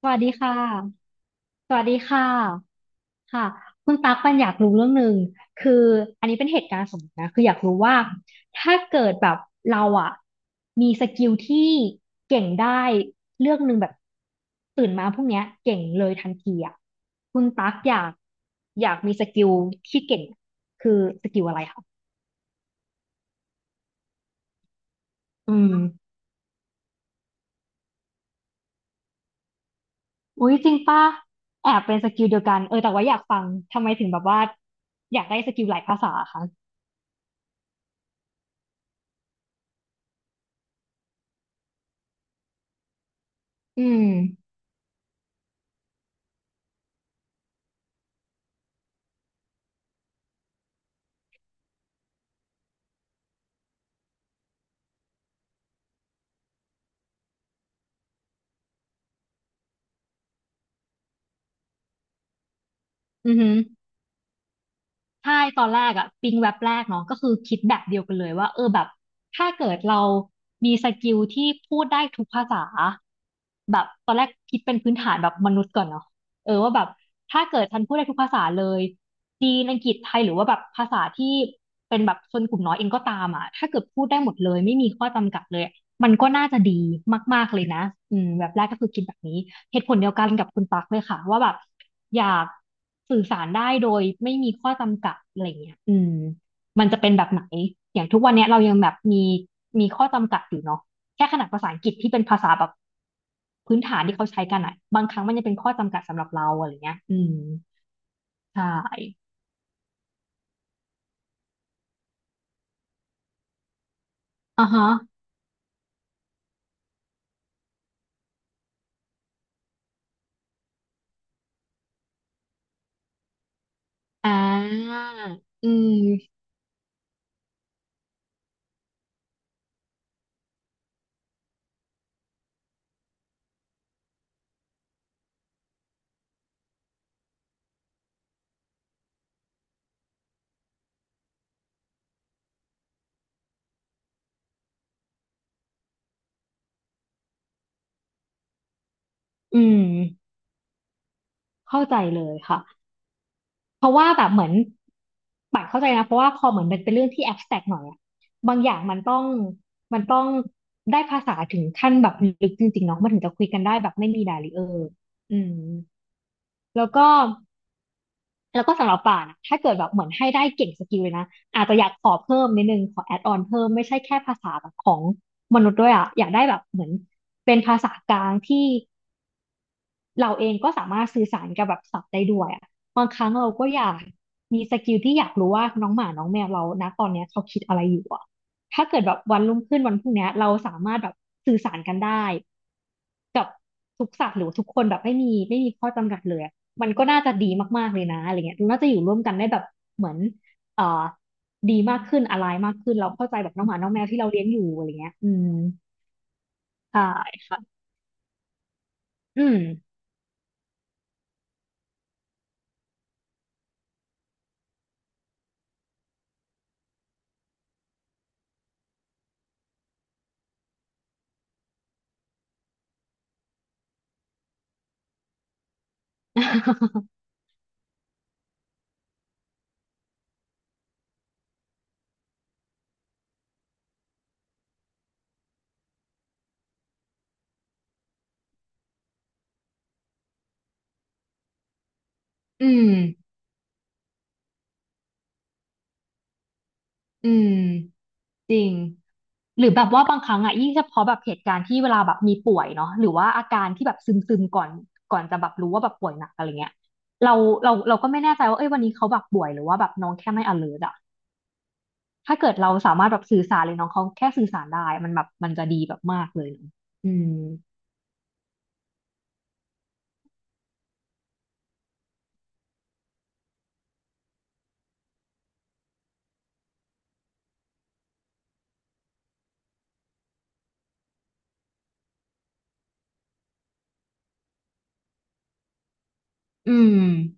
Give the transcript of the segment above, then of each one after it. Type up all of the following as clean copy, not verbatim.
สวัสดีค่ะสวัสดีค่ะค่ะคุณตั๊กปันอยากรู้เรื่องหนึ่งคืออันนี้เป็นเหตุการณ์สมมตินะคืออยากรู้ว่าถ้าเกิดแบบเราอะมีสกิลที่เก่งได้เรื่องหนึ่งแบบตื่นมาพรุ่งเนี้ยเก่งเลยทันทีอะคุณตั๊กอยากมีสกิลที่เก่งคือสกิลอะไรคะอืมอุ้ยจริงป่ะแอบเป็นสกิลเดียวกันเออแต่ว่าอยากฟังทำไมถึงแบบว่าอยากได้สกิลหลายภาษาคะอืม อือหือใช่ตอนแรกอะปิ๊งแว็บแรกเนาะก็คือคิดแบบเดียวกันเลยว่าเออแบบถ้าเกิดเรามีสกิลที่พูดได้ทุกภาษาแบบตอนแรกคิดเป็นพื้นฐานแบบมนุษย์ก่อนเนาะเออว่าแบบถ้าเกิดฉันพูดได้ทุกภาษาเลยจีนอังกฤษไทยหรือว่าแบบภาษาที่เป็นแบบชนกลุ่มน้อยเองก็ตามอะถ้าเกิดพูดได้หมดเลยไม่มีข้อจำกัดเลยมันก็น่าจะดีมากๆเลยนะอืมแบบแรกก็คือคิดแบบนี้ เหตุผลเดียวกันกับคุณปักเลยค่ะว่าแบบอยากสื่อสารได้โดยไม่มีข้อจำกัดอะไรเงี้ยอืมมันจะเป็นแบบไหนอย่างทุกวันเนี้ยเรายังแบบมีข้อจำกัดอยู่เนาะแค่ขนาดภาษาอังกฤษที่เป็นภาษาแบบพื้นฐานที่เขาใช้กันอะบางครั้งมันยังเป็นข้อจำกัดสำหรับเราอะไรเงี้ยอืมใช่อ่าฮะอ่าอืมอืมเข้าใจเลยค่ะ เพราะว่าแบบเหมือนป่านเข้าใจนะเพราะว่าพอเหมือนมันเป็นเรื่องที่แอบแตรกหน่อยอะบางอย่างมันต้องมันต้องได้ภาษาถึงขั้นแบบลึกจริงๆเนาะมันถึงจะคุยกันได้แบบไม่มีดาริเออร์อืมแล้วก็สำหรับป่านอะถ้าเกิดแบบเหมือนให้ได้เก่งสกิลเลยนะอาจจะอยากขอเพิ่มนิดนึงขอแอดออนเพิ่มไม่ใช่แค่ภาษาแบบของมนุษย์ด้วยอะอยากได้แบบเหมือนเป็นภาษากลางที่ เราเองก็สามารถสื่อสารกับแบบสัตว์ได้ด้วยอะบางครั้งเราก็อยากมีสกิลที่อยากรู้ว่าน้องหมาน้องแมวเรานะตอนเนี้ยเขาคิดอะไรอยู่อะถ้าเกิดแบบวันรุ่งขึ้นวันพรุ่งเนี้ยเราสามารถแบบสื่อสารกันได้กับทุกสัตว์หรือทุกคนแบบไม่มีข้อจำกัดเลยอะมันก็น่าจะดีมากๆเลยนะอะไรเงี้ยน่าจะอยู่ร่วมกันได้แบบเหมือนเอ่อดีมากขึ้นอะไรมากขึ้นเราเข้าใจแบบน้องหมาน้องแมวที่เราเลี้ยงอยู่อะไรเงี้ยอืมใช่ค่ะอืม อืมอืม จริงหรือแบบว่าบางครั้งอ่ะยิ่งเฉพาะแบบเหตุการณ์ที่เวลาแบบมีป่วยเนาะหรือว่าอาการที่แบบซึมซึมก่อนจะแบบรู้ว่าแบบป่วยหนักอะไรเงี้ยเราเราก็ไม่แน่ใจว่าเอ้ยวันนี้เขาแบบป่วยหรือว่าแบบน้องแค่ไม่ alert อะถ้าเกิดเราสามารถแบบสื่อสารเลยน้องเขาแค่สื่อสารได้มันแบบมันจะดีแบบมากเลยเนอะอืมอืม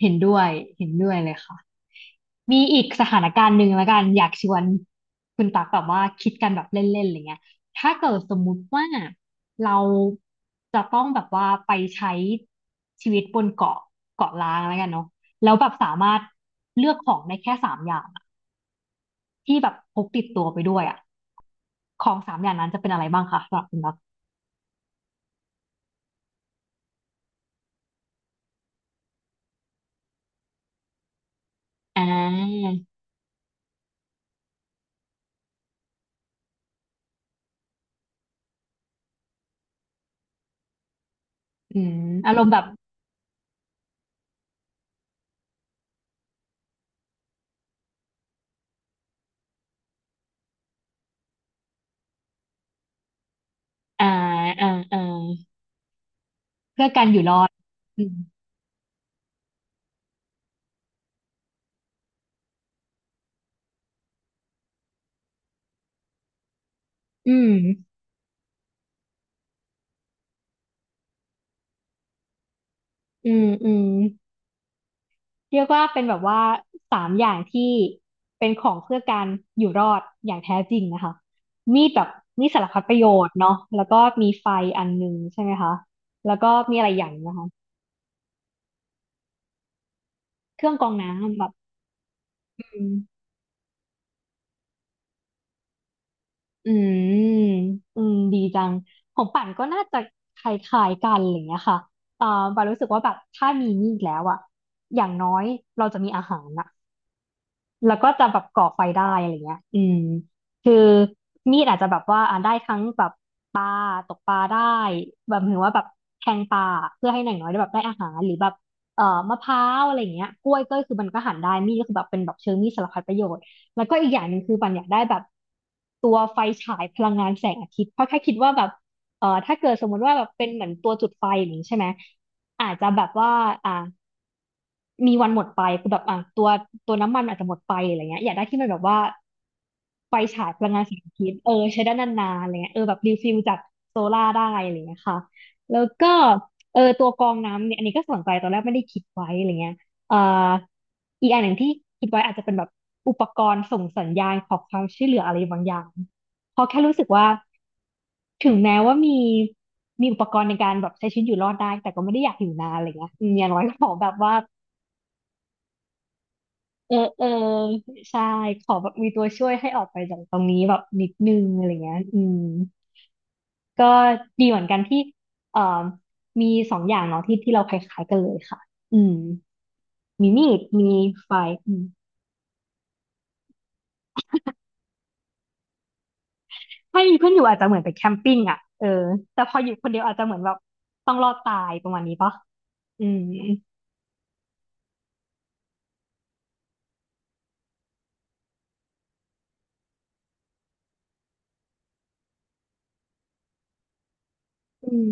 เห็นด้วยเห็นด้วยเลยค่ะ มีอีกสถานการณ์หนึ่งแล้วกันอยากชวนคุณตักแบบว่าคิดกันแบบเล่นๆอะไรเงี้ยถ้าเกิดสมมุติว่าเราจะต้องแบบว่าไปใช้ชีวิตบนเกาะเกาะล้างแล้วกันเนาะแล้วแบบสามารถเลือกของได้แค่สามอย่างอะที่แบบพกติดตัวไปด้วยอ่ะของสามอย่างนั้นจะเป็นอะไรบ้างคะสำหรับคุณตักอ่าอืมอารมณ์แบบอ่าอ่าอ่าเพื่อการอยู่รอดอืมอืมอืมอืม เรียกว่าเป็นแบบว่าสามอย่างที่เป็นของเพื่อการอยู่รอดอย่างแท้จริงนะคะมีดแบบมีดสารพัดประโยชน์เนาะแล้วก็มีไฟอันหนึงใช่ไหมคะแล้วก็มีอะไรอย่างนะคะเครื่องกรองน้ำแบบอืมอืมอืมดีจังของปั่นก็น่าจะคล้ายๆกันอะไรอย่างเงี้ยค่ะเอ่อปารู้สึกว่าแบบถ้ามีมีดแล้วอะอย่างน้อยเราจะมีอาหารนะ แล้วก็จะแบบก่อไฟได้อะไรเงี้ยอืมคือมีดอาจจะแบบว่าได้ทั้งแบบปลาตกปลาได้แบบหรือว่าแบบแทงปลาเพื่อให้หน่างน้อยได้แบบได้อาหารหรือแบบมะพร้าวอะไรเงี้ยกล้วยก็คือมันก็หั่นได้มีดก็คือแบบเป็นแบบเชิงมีดสารพัดประโยชน์แล้วก็อีกอย่างหนึ่งคือปันอยากได้แบบตัวไฟฉายพลังงานแสงอาทิตย์เพราะแค่คิดว่าแบบถ้าเกิดสมมติว่าแบบเป็นเหมือนตัวจุดไฟอย่างนี้ใช่ไหมอาจจะแบบว่าอ่า มีวันหมดไปคือแบบอ่ะตัวน้ำมันอาจจะหมดไปอะไรเงี้ยอยากได้ที่มันแบบว่าไฟฉายพลังงานแสงอาทิตย์เออใช้ได้นานๆอะไรเงี้ยเออแบบรีฟิลจากโซล่าร์ได้อะไรเงี้ยค่ะแล้วก็เออตัวกรองน้ำเนี่ยอันนี้ก็สนใจตอนแรกไม่ได้คิดไว้อะไรเงี้ยเอ่ออีกอันหนึ่งที่คิดไว้อาจจะเป็นแบบอุปกรณ์ส่งสัญญาณขอความช่วยเหลืออะไรบางอย่างเพราะแค่รู้สึกว่าถึงแม้ว่ามีอุปกรณ์ในการแบบใช้ชีวิตอยู่รอดได้แต่ก็ไม่ได้อยากอยู่นานอะไรเงี้ยอืมอย่างน้อยก็ขอแบบว่า เออใช่ขอแบบมีตัวช่วยให้ออกไปจากตรงนี้แบบนิดนึงอะไรเงี้ยอืมก็ดีเหมือนกันที่เอ่อมีสองอย่างเนาะที่เราคล้ายๆกันเลยค่ะอืมมีมีดมีไฟอืมถ้ามีเพื่อนอยู่อาจจะเหมือนไปแคมปิ้งอ่ะเออแต่พออยู่คนเดียวอาจจะเหมือนแบบต้องรอดตายประมาณนี้ปะอืมอืม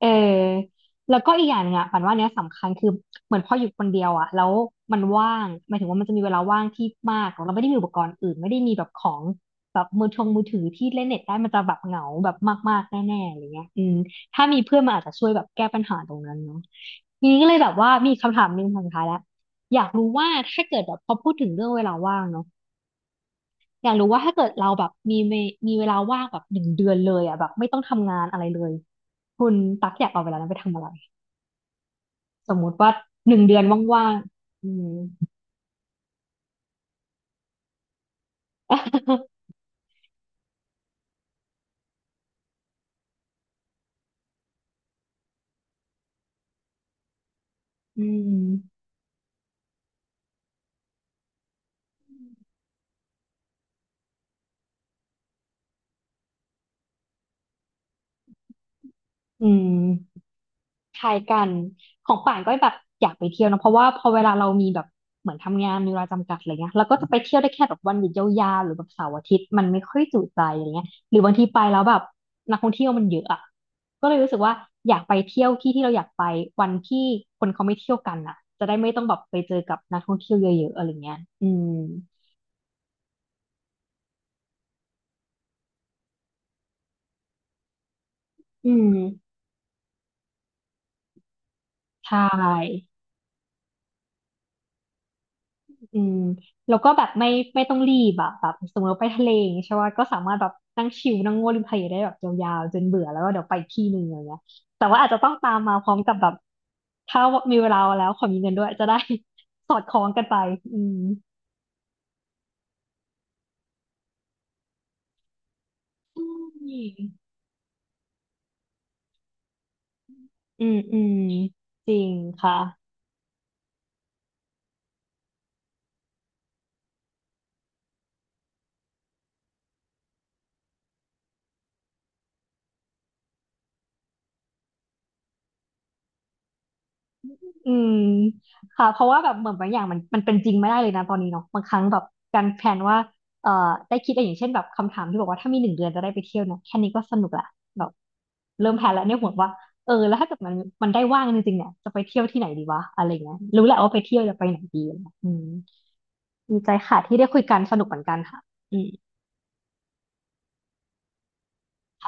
เออแล้วก็อีกอย่างหนึงอ่ะปันว่าเนี้ยสำคัญคือเหมือนพออยู่คนเดียวอ่ะแล้วมันว่างหมายถึงว่ามันจะมีเวลาว่างที่มากเราไม่ได้มีอุปกรณ์อื่นไม่ได้มีแบบของแบบมือถือที่เล่นเน็ตได้มันจะแบบเหงาแบบมากๆแน่ๆอะไรเงี้ยอืมถ้ามีเพื่อนมันอาจจะช่วยแบบแก้ปัญหาตรงนั้นเนาะทีนี้ก็เลยแบบว่ามีคำถามหนึ่งคำสุดท้ายแล้วอยากรู้ว่าถ้าเกิดแบบพอพูดถึงเรื่องเวลาว่างเนาะอยากรู้ว่าถ้าเกิดเราแบบมีเวลาว่างแบบหนึ่งเดือนเลยอ่ะแบบไม่ต้องทำงานอะไรเลยคุณตักอยากเอาเวลานั้นไปทำอะไร สมมุติว่าหนึ่งเดือนว่างๆอืม อืมอืมคล้ายกันของป่านก็แบบอยากไปเที่ยวนะเพราะว่าพอเวลาเรามีแบบเหมือนทำงานมีเวลาจำกัดอะไรเงี้ยเราก็จะไปเที่ยวได้แค่แบบวันหยุดยาวๆหรือแบบเสาร์อาทิตย์มันไม่ค่อยจุใจอะไรเงี้ยหรือบางทีไปแล้วแบบนักท่องเที่ยวมันเยอะอะก็เลยรู้สึกว่าอยากไปเที่ยวที่ที่เราอยากไปวันที่คนเขาไม่เที่ยวกันอะจะได้ไม่ต้องแบบไปเจอกับนักท่องเที่ยวเยอะๆอะไรเงี้ยอืมอืมใช่ อืมแล้วก็แบบไม่ต้องรีบอะแบบสมมติว่าไปทะเลอย่างเงี้ยใช่ป่ะก็สามารถแบบนั่งชิลนั่งโง่วริมทะเลได้แบบยาวๆจนเบื่อแล้วก็เดี๋ยวไปอีกที่หนึ่งอะไรเงี้ยแต่ว่าอาจจะต้องตามมาพร้อมกับแบบถ้ามีเวลาแล้วขอมีเงินด้วยจะได้ สอดคล้องกันไปอืมอืมอืมอืมจริงค่ะ อืมค่ะเพราะว่าแบบเหมือนบางอย่างมันเป็นจริงไม่ได้เลยนะตอนนี้เนาะบางครั้งแบบการแพลนว่าเอ่อได้คิดอะไรอย่างเช่นแบบคำถามที่บอกว่าถ้ามีหนึ่งเดือนจะได้ไปเที่ยวเนี่ยแค่นี้ก็สนุกละแบบเริ่มแพลนแล้วเนี่ยห่วงว่าเออแล้วถ้าเกิดมันได้ว่างจริงๆเนี่ยจะไปเที่ยวที่ไหนดีวะอะไรเงี้ยรู้แหละว่าไปเที่ยวจะไปไหนดีอะไรเงี้ยอืมดีใจค่ะที่ได้คุยกันสนุกเหมือนกันค่ะอืม